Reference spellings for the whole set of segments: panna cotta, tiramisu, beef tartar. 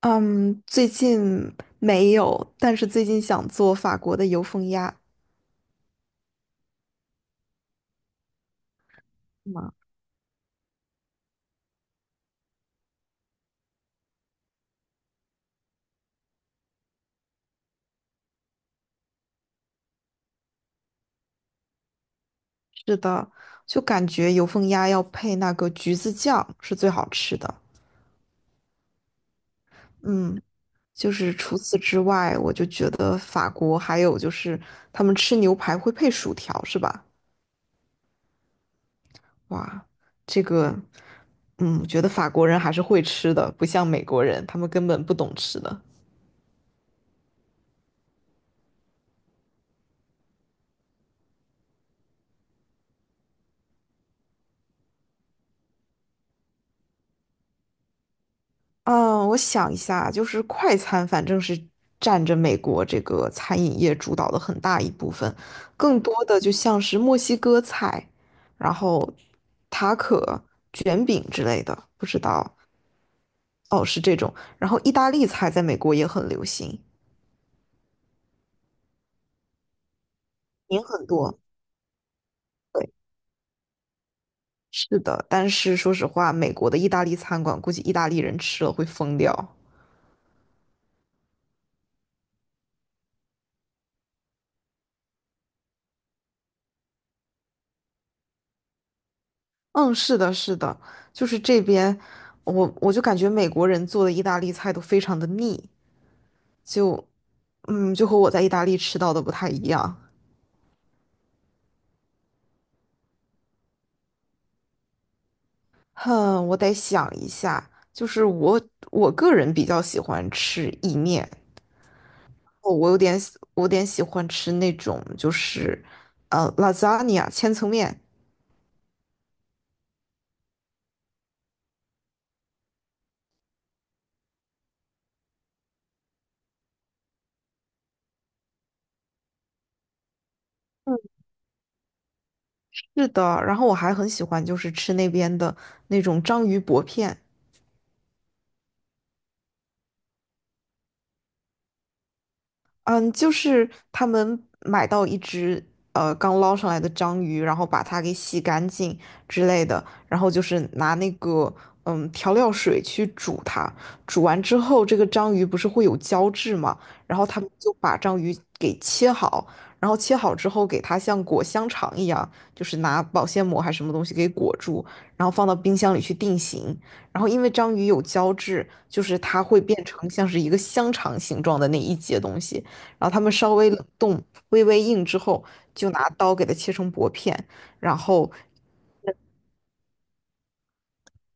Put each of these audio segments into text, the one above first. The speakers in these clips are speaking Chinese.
嗯，最近没有，但是最近想做法国的油封鸭吗？是的，就感觉油封鸭要配那个橘子酱是最好吃的。嗯，就是除此之外，我就觉得法国还有就是他们吃牛排会配薯条，是吧？哇，这个，我觉得法国人还是会吃的，不像美国人，他们根本不懂吃的。嗯，我想一下，就是快餐反正是占着美国这个餐饮业主导的很大一部分，更多的就像是墨西哥菜，然后塔可、卷饼之类的，不知道，哦，是这种。然后意大利菜在美国也很流行，也很多。对。是的，但是说实话，美国的意大利餐馆估计意大利人吃了会疯掉。嗯，是的，是的，就是这边，我就感觉美国人做的意大利菜都非常的腻，就，就和我在意大利吃到的不太一样。哼，我得想一下，就是我个人比较喜欢吃意面，哦，我有点喜欢吃那种就是，lasagna 千层面，是的，然后我还很喜欢就是吃那边的那种章鱼薄片，嗯，就是他们买到一只刚捞上来的章鱼，然后把它给洗干净之类的，然后就是拿那个调料水去煮它，煮完之后这个章鱼不是会有胶质嘛，然后他们就把章鱼给切好，然后切好之后给它像裹香肠一样，就是拿保鲜膜还是什么东西给裹住，然后放到冰箱里去定型，然后因为章鱼有胶质，就是它会变成像是一个香肠形状的那一节东西。然后他们稍微冷冻、微微硬之后，就拿刀给它切成薄片，然后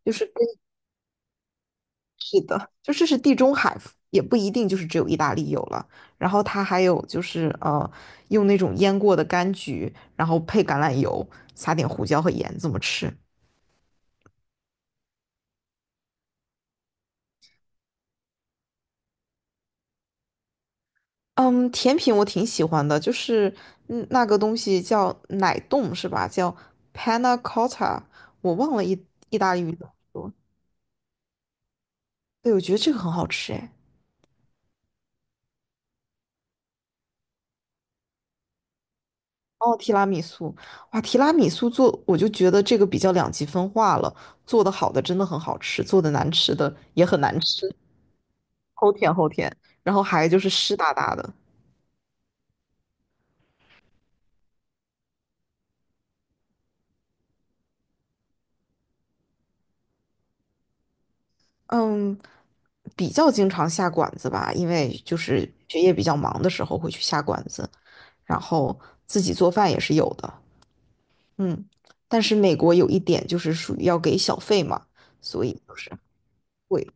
就是跟是的，就这是地中海，也不一定就是只有意大利有了。然后它还有就是用那种腌过的柑橘，然后配橄榄油，撒点胡椒和盐这么吃。嗯，甜品我挺喜欢的，就是那个东西叫奶冻是吧？叫 panna cotta，我忘了意大利语怎么说。对，我觉得这个很好吃哎。哦，提拉米苏，哇，提拉米苏做，我就觉得这个比较两极分化了。做的好的真的很好吃，做的难吃的也很难吃，齁甜齁甜，然后还就是湿哒哒的。嗯，比较经常下馆子吧，因为就是学业比较忙的时候会去下馆子，然后自己做饭也是有的。嗯，但是美国有一点就是属于要给小费嘛，所以就是贵。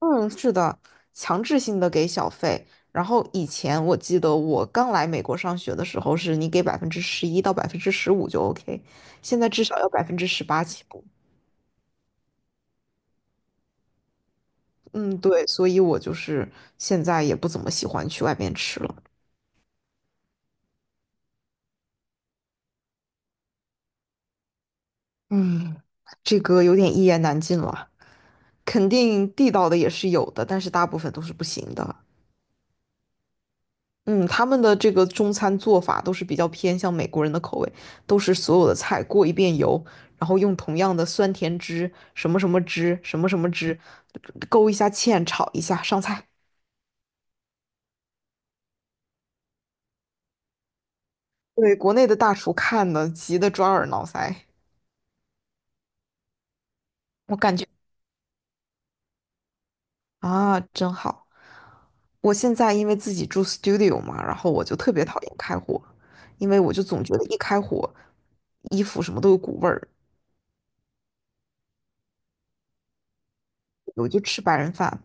嗯，是的，强制性的给小费。然后以前我记得我刚来美国上学的时候，是你给11%到15%就 OK，现在至少要18%起步。嗯，对，所以我就是现在也不怎么喜欢去外面吃了。嗯，这个有点一言难尽了，肯定地道的也是有的，但是大部分都是不行的。嗯，他们的这个中餐做法都是比较偏向美国人的口味，都是所有的菜过一遍油，然后用同样的酸甜汁、什么什么汁、什么什么汁，勾一下芡，炒一下，上菜。对，国内的大厨看的急得抓耳挠腮，我感觉啊，真好。我现在因为自己住 studio 嘛，然后我就特别讨厌开火，因为我就总觉得一开火，衣服什么都有股味儿，我就吃白人饭。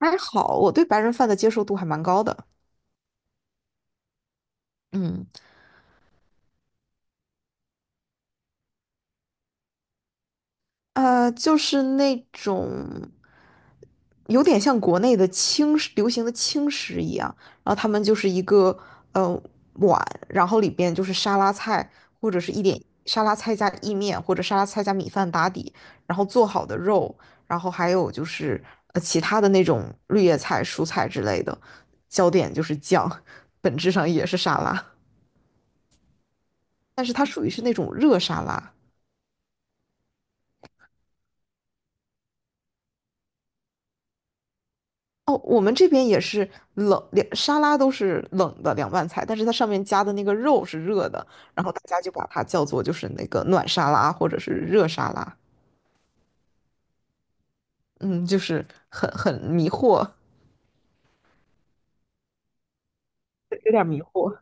还好，我对白人饭的接受度还蛮高的。嗯，就是那种有点像国内的轻食，流行的轻食一样，然后他们就是一个呃碗，然后里边就是沙拉菜或者是一点沙拉菜加意面或者沙拉菜加米饭打底，然后做好的肉，然后还有就是其他的那种绿叶菜、蔬菜之类的，焦点就是酱，本质上也是沙拉，但是它属于是那种热沙拉。哦，我们这边也是冷，连沙拉都是冷的凉拌菜，但是它上面加的那个肉是热的，然后大家就把它叫做就是那个暖沙拉或者是热沙拉，嗯，就是很迷惑，有点迷惑。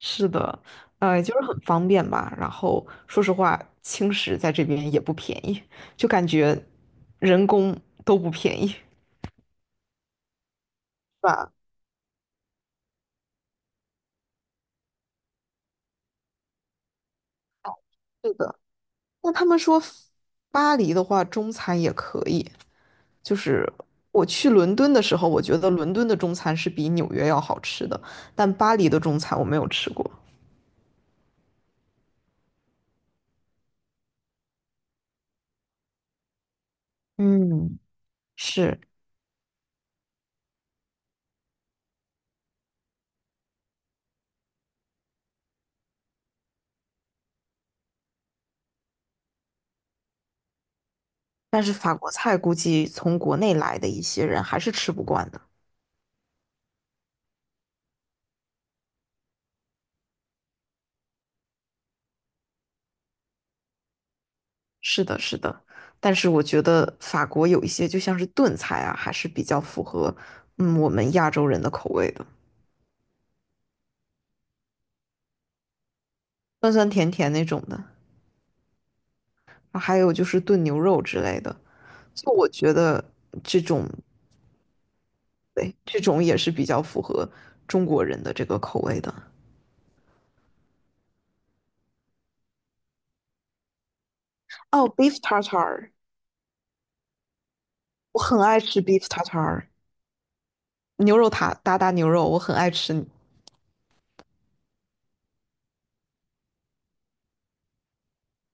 是的，就是很方便吧。然后说实话，轻食在这边也不便宜，就感觉人工都不便宜，是吧？那他们说巴黎的话，中餐也可以。就是我去伦敦的时候，我觉得伦敦的中餐是比纽约要好吃的，但巴黎的中餐我没有吃过。嗯，是，但是法国菜估计从国内来的一些人还是吃不惯的。是的，是的，但是我觉得法国有一些就像是炖菜啊，还是比较符合我们亚洲人的口味的，酸酸甜甜那种的。还有就是炖牛肉之类的。就我觉得这种，对，这种也是比较符合中国人的这个口味的。哦，beef tartar，我很爱吃 beef tartar，牛肉塔达牛肉，我很爱吃。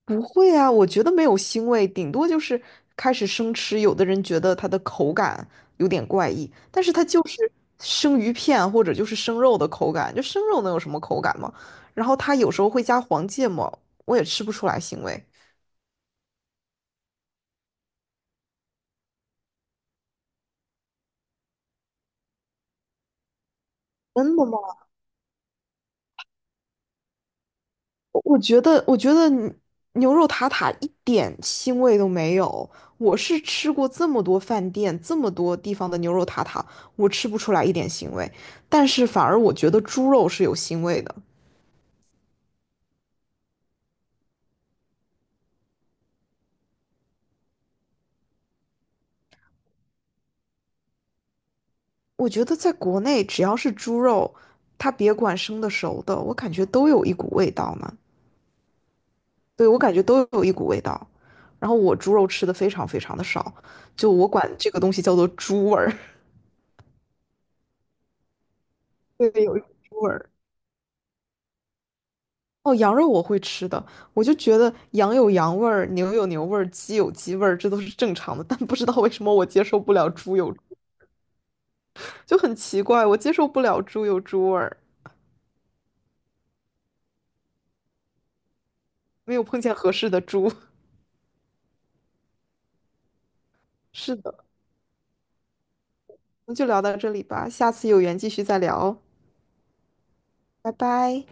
不会啊，我觉得没有腥味，顶多就是开始生吃。有的人觉得它的口感有点怪异，但是它就是生鱼片或者就是生肉的口感，就生肉能有什么口感吗？然后它有时候会加黄芥末，我也吃不出来腥味。真的吗？我觉得牛肉塔塔一点腥味都没有。我是吃过这么多饭店、这么多地方的牛肉塔塔，我吃不出来一点腥味。但是反而我觉得猪肉是有腥味的。我觉得在国内，只要是猪肉，它别管生的熟的，我感觉都有一股味道呢。对，我感觉都有一股味道。然后我猪肉吃的非常非常的少，就我管这个东西叫做猪味儿。对，有一股猪味儿。哦，羊肉我会吃的，我就觉得羊有羊味儿，牛有牛味儿，鸡有鸡味儿，这都是正常的。但不知道为什么我接受不了猪有，就很奇怪，我接受不了猪有猪味儿，没有碰见合适的猪。是的，那就聊到这里吧，下次有缘继续再聊，拜拜。